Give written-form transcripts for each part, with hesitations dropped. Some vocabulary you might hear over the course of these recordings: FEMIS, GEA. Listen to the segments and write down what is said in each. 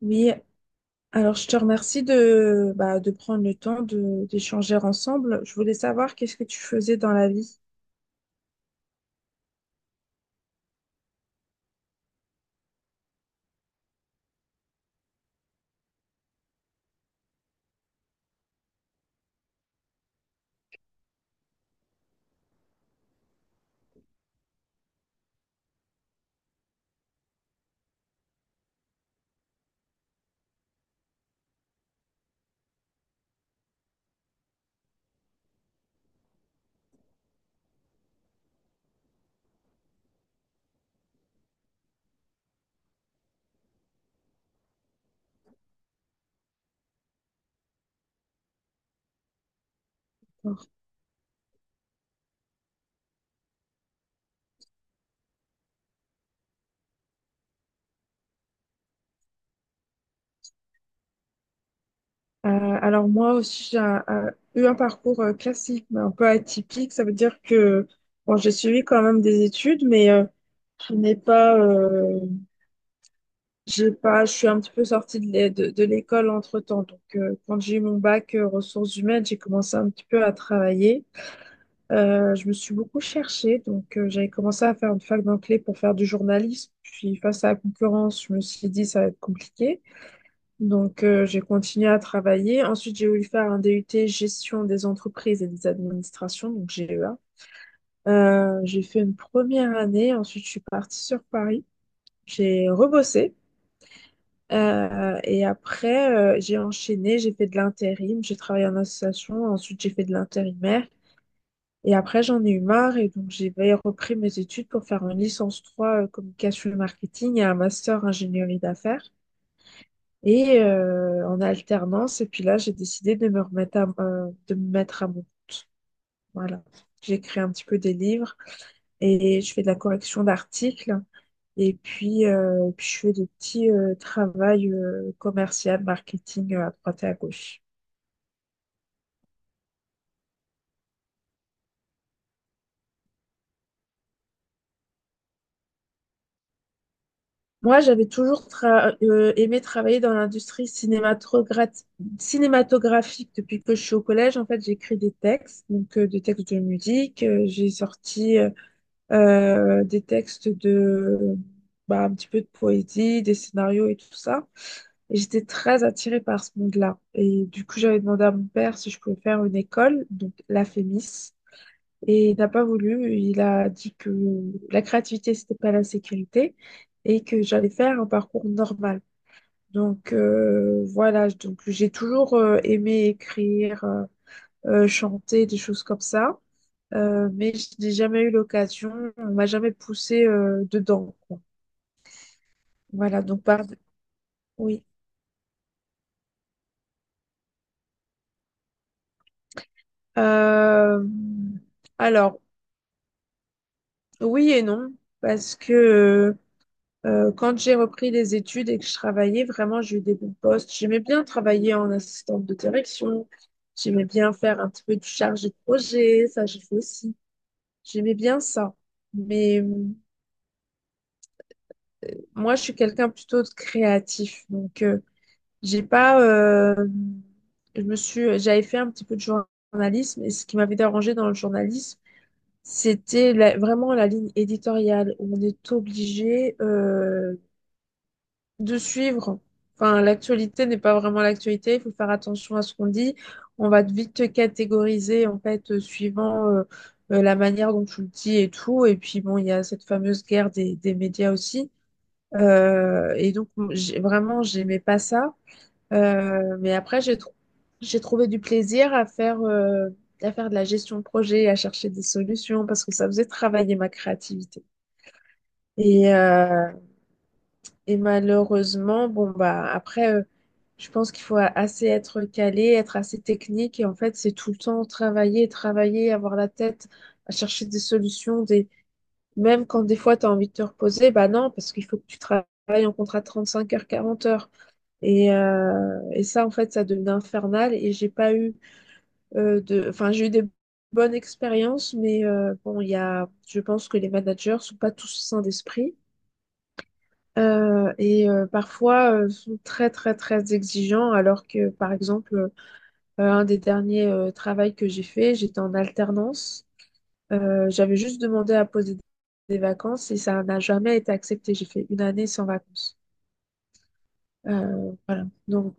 Oui, alors je te remercie de prendre le temps de d'échanger ensemble. Je voulais savoir qu'est-ce que tu faisais dans la vie. Euh, alors moi aussi, j'ai un- eu un parcours classique, mais un peu atypique. Ça veut dire que bon, j'ai suivi quand même des études, mais je n'ai pas, j'ai pas, je suis un petit peu sortie de l'école entre-temps. Donc quand j'ai eu mon bac ressources humaines, j'ai commencé un petit peu à travailler. Je me suis beaucoup cherchée, donc j'avais commencé à faire une fac d'anglais pour faire du journalisme. Puis face à la concurrence, je me suis dit ça va être compliqué. Donc j'ai continué à travailler. Ensuite, j'ai voulu faire un DUT gestion des entreprises et des administrations, donc GEA. J'ai fait une première année, ensuite je suis partie sur Paris. J'ai rebossé et après j'ai enchaîné, j'ai fait de l'intérim, j'ai travaillé en association, ensuite j'ai fait de l'intérimaire. Et après, j'en ai eu marre et donc j'ai repris mes études pour faire une licence 3 communication et marketing et un master ingénierie d'affaires. Et en alternance, et puis là, j'ai décidé de me mettre à mon... Voilà. J'écris un petit peu des livres et je fais de la correction d'articles. Et puis je fais des petits travaux commercial, marketing à droite et à gauche. Moi, j'avais toujours aimé travailler dans l'industrie cinématographique depuis que je suis au collège. En fait, j'écris des textes, donc des textes de musique. J'ai sorti des textes de, un petit peu de poésie, des scénarios et tout ça. Et j'étais très attirée par ce monde-là. Et du coup, j'avais demandé à mon père si je pouvais faire une école, donc la FEMIS. Et il n'a pas voulu, il a dit que la créativité, c'était pas la sécurité et que j'allais faire un parcours normal. Donc voilà, donc j'ai toujours aimé écrire, chanter, des choses comme ça, mais je n'ai jamais eu l'occasion, on m'a jamais poussé dedans, quoi. Voilà, donc pardon. Oui. Euh, alors, oui et non, parce que quand j'ai repris les études et que je travaillais, vraiment, j'ai eu des bons postes. J'aimais bien travailler en assistante de direction. J'aimais bien faire un petit peu du chargé de projet. Ça, j'ai fait aussi. J'aimais bien ça. Mais moi, je suis quelqu'un plutôt de créatif. Donc, j'ai pas. Je me suis, j'avais fait un petit peu de journalisme. Et ce qui m'avait dérangé dans le journalisme, c'était vraiment la ligne éditoriale où on est obligé de suivre. Enfin, l'actualité n'est pas vraiment l'actualité, il faut faire attention à ce qu'on dit. On va vite te catégoriser en fait suivant la manière dont tu le dis et tout. Et puis bon, il y a cette fameuse guerre des médias aussi. Et donc vraiment, j'aimais pas ça. Mais après, j'ai trouvé du plaisir à faire de la gestion de projet, à chercher des solutions parce que ça faisait travailler ma créativité. Et, euh, et malheureusement, bon, après, je pense qu'il faut assez être calé, être assez technique. Et en fait, c'est tout le temps travailler, travailler, avoir la tête à chercher des solutions. Des... Même quand des fois, tu as envie de te reposer, bah non, parce qu'il faut que tu travailles en contrat de 5 heures, 40 heures. Et ça, en fait, ça devenait infernal. Et j'ai pas eu de. Enfin, j'ai eu des bonnes expériences, mais bon, il y a... je pense que les managers sont pas tous sains d'esprit. Et parfois sont très très très exigeants alors que par exemple un des derniers travails que j'ai fait, j'étais en alternance. J'avais juste demandé à poser des vacances et ça n'a jamais été accepté, j'ai fait une année sans vacances. Voilà, donc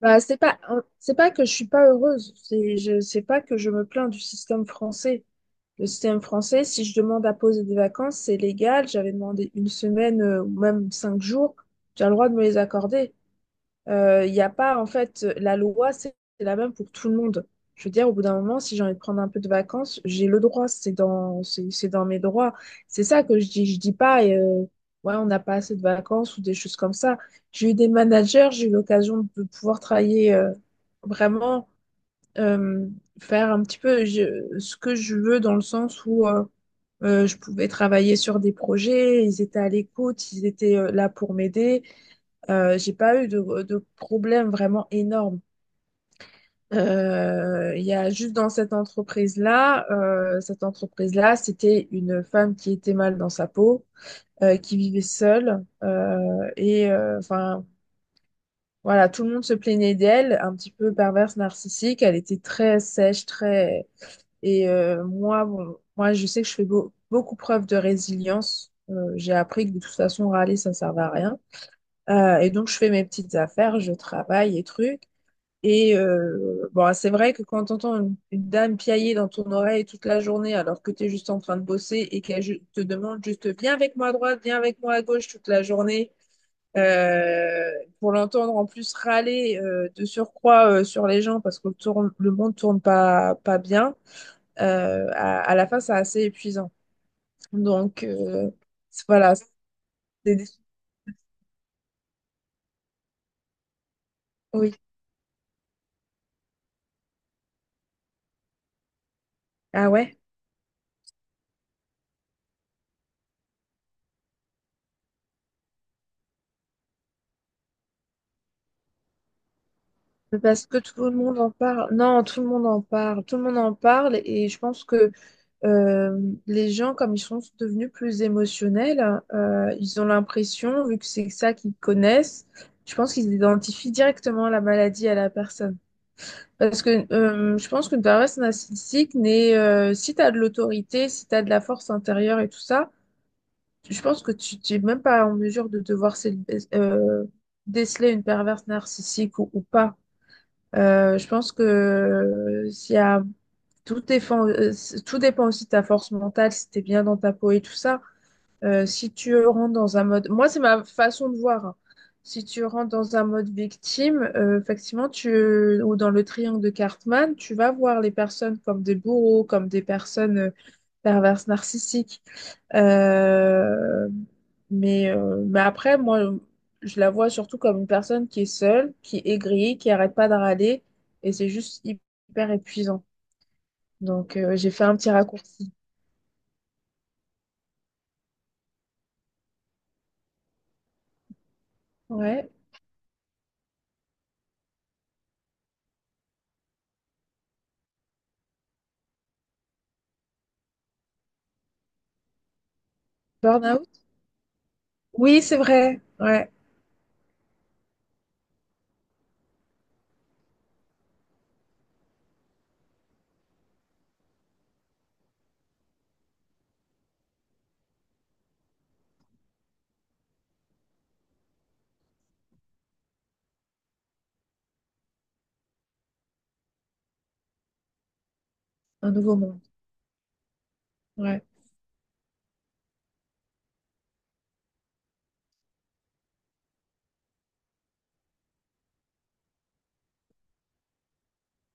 bah, c'est pas c'est pas que je suis pas heureuse, c'est pas que je me plains du système français. Le système français, si je demande à poser des vacances, c'est légal. J'avais demandé une semaine ou même 5 jours, j'ai le droit de me les accorder. Il n'y a pas, en fait, la loi, c'est la même pour tout le monde. Je veux dire, au bout d'un moment, si j'ai envie de prendre un peu de vacances, j'ai le droit, c'est dans mes droits. C'est ça que je dis. Je dis pas, ouais, on n'a pas assez de vacances ou des choses comme ça. J'ai eu des managers, j'ai eu l'occasion de pouvoir travailler vraiment, euh, faire un petit peu ce que je veux dans le sens où je pouvais travailler sur des projets, ils étaient à l'écoute, ils étaient là pour m'aider. J'ai pas eu de problème vraiment énorme. Il y a juste dans cette entreprise-là, c'était une femme qui était mal dans sa peau, qui vivait seule, enfin voilà, tout le monde se plaignait d'elle, un petit peu perverse, narcissique. Elle était très sèche, très moi, bon, moi, je sais que je fais beaucoup preuve de résilience. J'ai appris que de toute façon, râler, ça ne servait à rien. Et donc, je fais mes petites affaires, je travaille et trucs. Et bon, c'est vrai que quand tu entends une dame piailler dans ton oreille toute la journée alors que tu es juste en train de bosser et qu'elle te demande juste viens avec moi à droite, viens avec moi à gauche toute la journée, euh, pour l'entendre en plus râler de surcroît sur les gens parce que le monde tourne pas bien, à la fin c'est assez épuisant. Donc voilà, c'est des- oui. Ah ouais? Parce que tout le monde en parle. Non, tout le monde en parle. Tout le monde en parle, et je pense que Euh, les gens, comme ils sont devenus plus émotionnels, ils ont l'impression, vu que c'est ça qu'ils connaissent, je pense qu'ils identifient directement la maladie à la personne. Parce que je pense qu'une personne narcissique n'est, si tu as de l'autorité, si tu as de la force intérieure et tout ça, je pense que tu n'es même pas en mesure de devoir euh, déceler une perverse narcissique ou pas. Je pense que s'il y a tout dépend, tout dépend aussi de ta force mentale, si t'es bien dans ta peau et tout ça. Si tu rentres dans un mode, moi c'est ma façon de voir. Hein. Si tu rentres dans un mode victime, effectivement, tu ou dans le triangle de Cartman, tu vas voir les personnes comme des bourreaux, comme des personnes perverses narcissiques. Euh, mais après, moi, je la vois surtout comme une personne qui est seule, qui est aigrie, qui arrête pas de râler, et c'est juste hyper épuisant. Donc, j'ai fait un petit raccourci. Ouais. Burnout? Oui, c'est vrai. Ouais. Un nouveau monde. Ouais.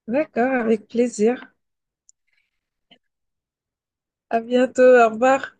D'accord, avec plaisir. À bientôt. Au revoir.